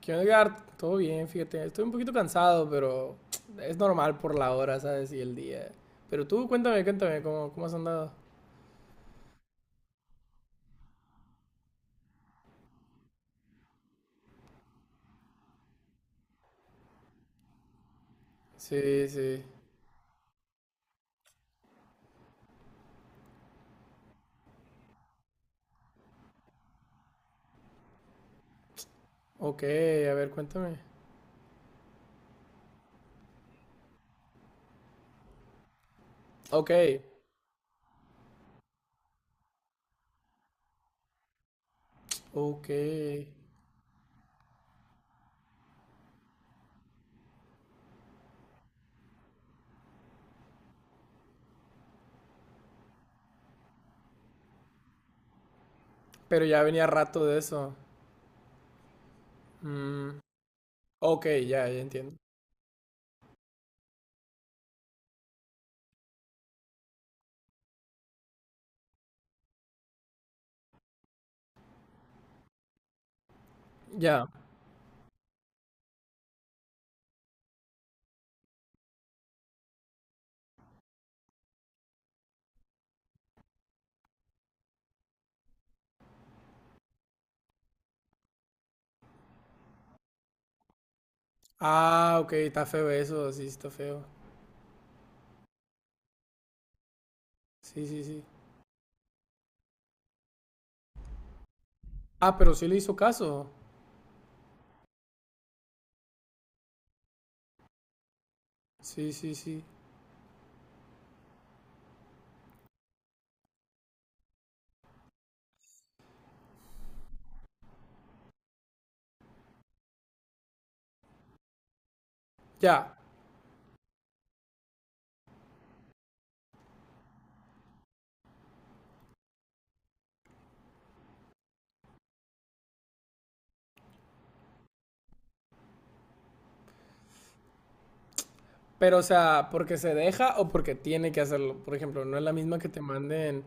¿Qué onda, Edgar? Todo bien, fíjate. Estoy un poquito cansado, pero es normal por la hora, ¿sabes? Y el día. Pero tú, cuéntame, ¿cómo has andado? Sí, sí. Ok, a ver, cuéntame. Ok, ok. Pero ya venía rato de eso. Mm, ok, ya entiendo. Ya. Ah, ok, está feo eso, sí, está feo. Sí, sí, sí. Ah, pero sí le hizo caso. Sí, sí, sí. Ya. Pero, o sea, porque se deja o porque tiene que hacerlo. Por ejemplo, no es la misma que te manden.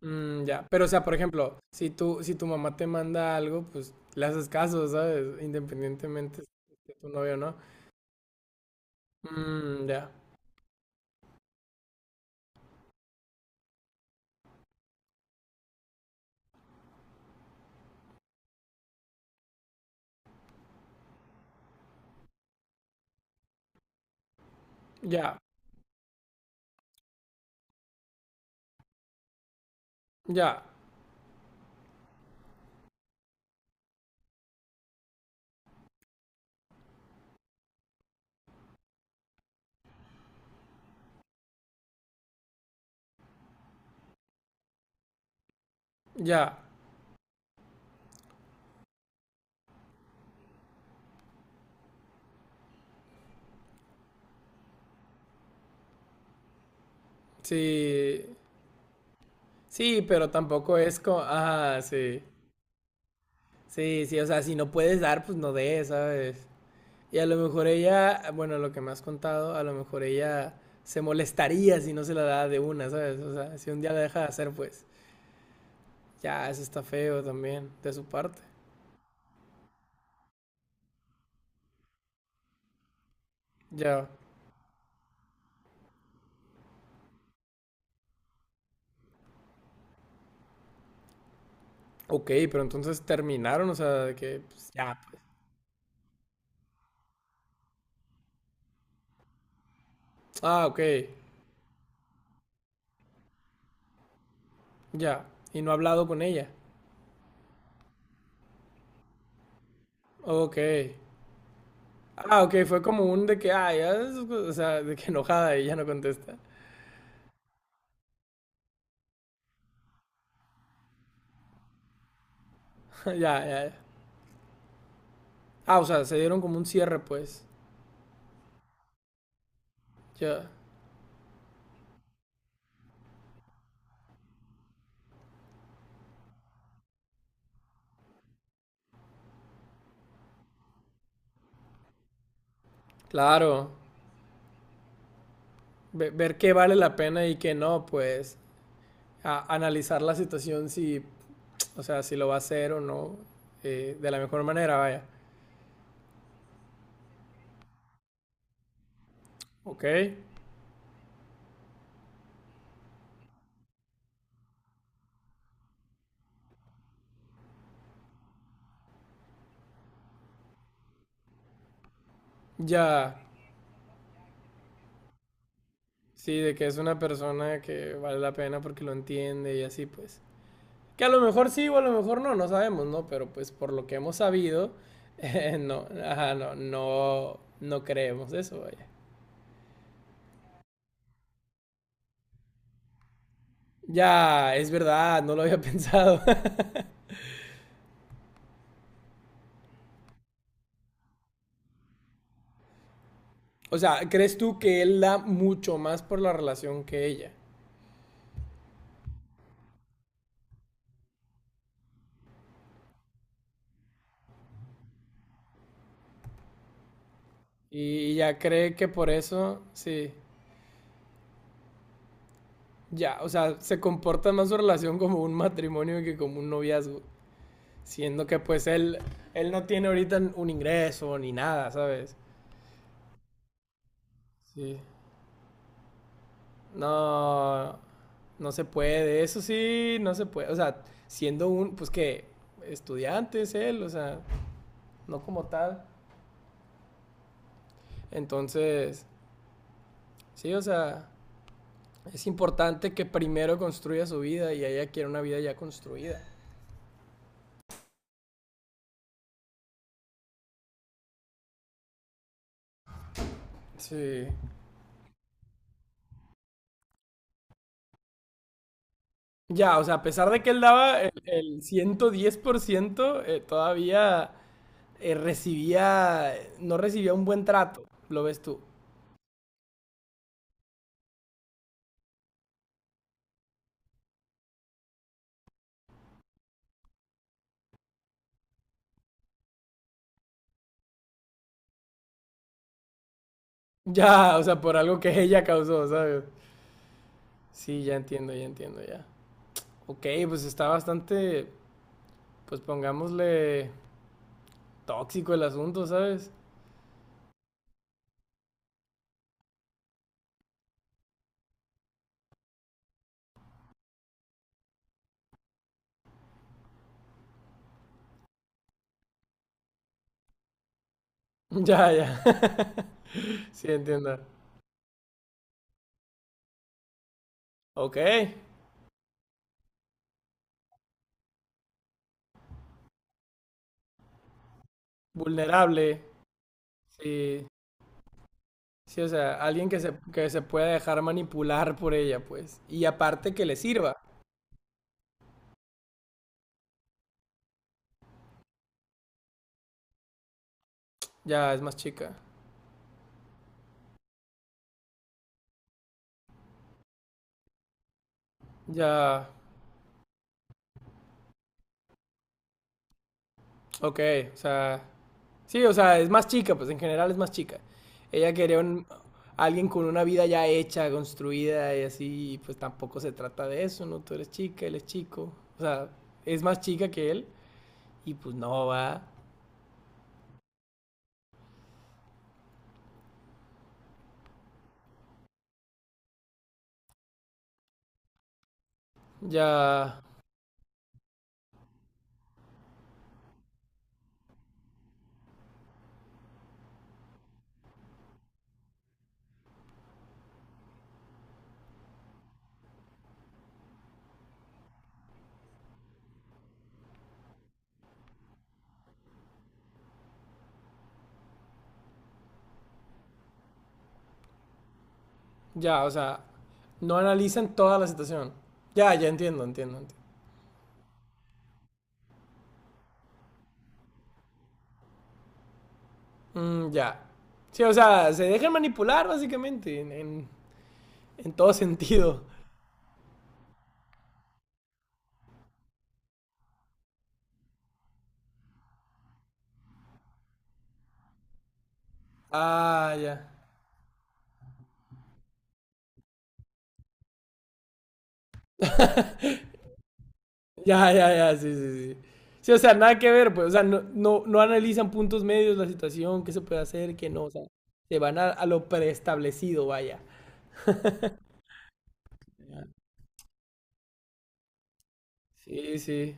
Mm, ya. Pero, o sea, por ejemplo, si tu mamá te manda algo, pues le haces caso, ¿sabes? Independientemente si tu novio o no. Mm, ya. Ya. Ya. Ya. Sí. Sí, pero tampoco es como. Ah, sí. Sí, sí. O sea, si no puedes dar, pues no des, ¿sabes? Y a lo mejor ella, bueno, lo que me has contado, a lo mejor ella se molestaría si no se la da de una, ¿sabes? O sea, si un día la deja de hacer, pues ya, eso está feo también de su parte. Ya, ok, pero entonces terminaron, o sea, de que pues, ya, pues. Ah, ok, ya. Y no ha hablado con ella. Ok. Ah, ok, fue como un de que, ah, ya, o sea, de que enojada y ya no contesta. ya, ya. Ah, o sea, se dieron como un cierre, pues. Ya. Claro. Ver qué vale la pena y qué no, pues analizar la situación si, o sea, si lo va a hacer o no, de la mejor manera, vaya. ¿Ok? Ya, sí, de que es una persona que vale la pena porque lo entiende y así, pues. Que a lo mejor sí o a lo mejor no, no sabemos, ¿no? Pero pues por lo que hemos sabido, no, ajá, no creemos eso, vaya. Ya, es verdad, no lo había pensado. O sea, ¿crees tú que él da mucho más por la relación que ella? Y ya cree que por eso, sí, ya, o sea, se comporta más su relación como un matrimonio que como un noviazgo, siendo que pues él no tiene ahorita un ingreso ni nada, ¿sabes? Sí, no, no se puede, eso sí, no se puede, o sea, siendo un, pues que, estudiante es él, o sea, no como tal. Entonces, sí, o sea, es importante que primero construya su vida y ella quiere una vida ya construida. Sí. Ya, o sea, a pesar de que él daba el 110%, todavía recibía, no recibía un buen trato, lo ves tú. Ya, o sea, por algo que ella causó, ¿sabes? Sí, ya entiendo, ya. Ok, pues está bastante, pues pongámosle tóxico el asunto, ¿sabes? Ya, ya. sí, entiendo. Ok, vulnerable. Sí, sí, o sea, alguien que se pueda dejar manipular por ella, pues. Y aparte que le sirva. Ya es más chica. Ya, ok, o sea. Sí, o sea, es más chica, pues en general es más chica. Ella quería un, alguien con una vida ya hecha, construida y así, y pues tampoco se trata de eso, ¿no? Tú eres chica, él es chico. O sea, es más chica que él y pues no va. Ya, ya, o sea, no analizan toda la situación. Ya, ya entiendo. Mm, ya. Sí, o sea, se dejan manipular básicamente en todo sentido. Ah, ya. Ya, sí, sí, sí. Sí, o sea, nada que ver, pues, o sea, no analizan puntos medios, la situación, qué se puede hacer, qué no, o sea, se van a lo preestablecido, vaya. Ya. Sí, sí.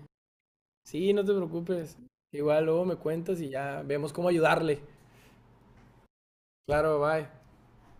Sí, no te preocupes. Igual luego me cuentas y ya vemos cómo ayudarle. Claro, bye.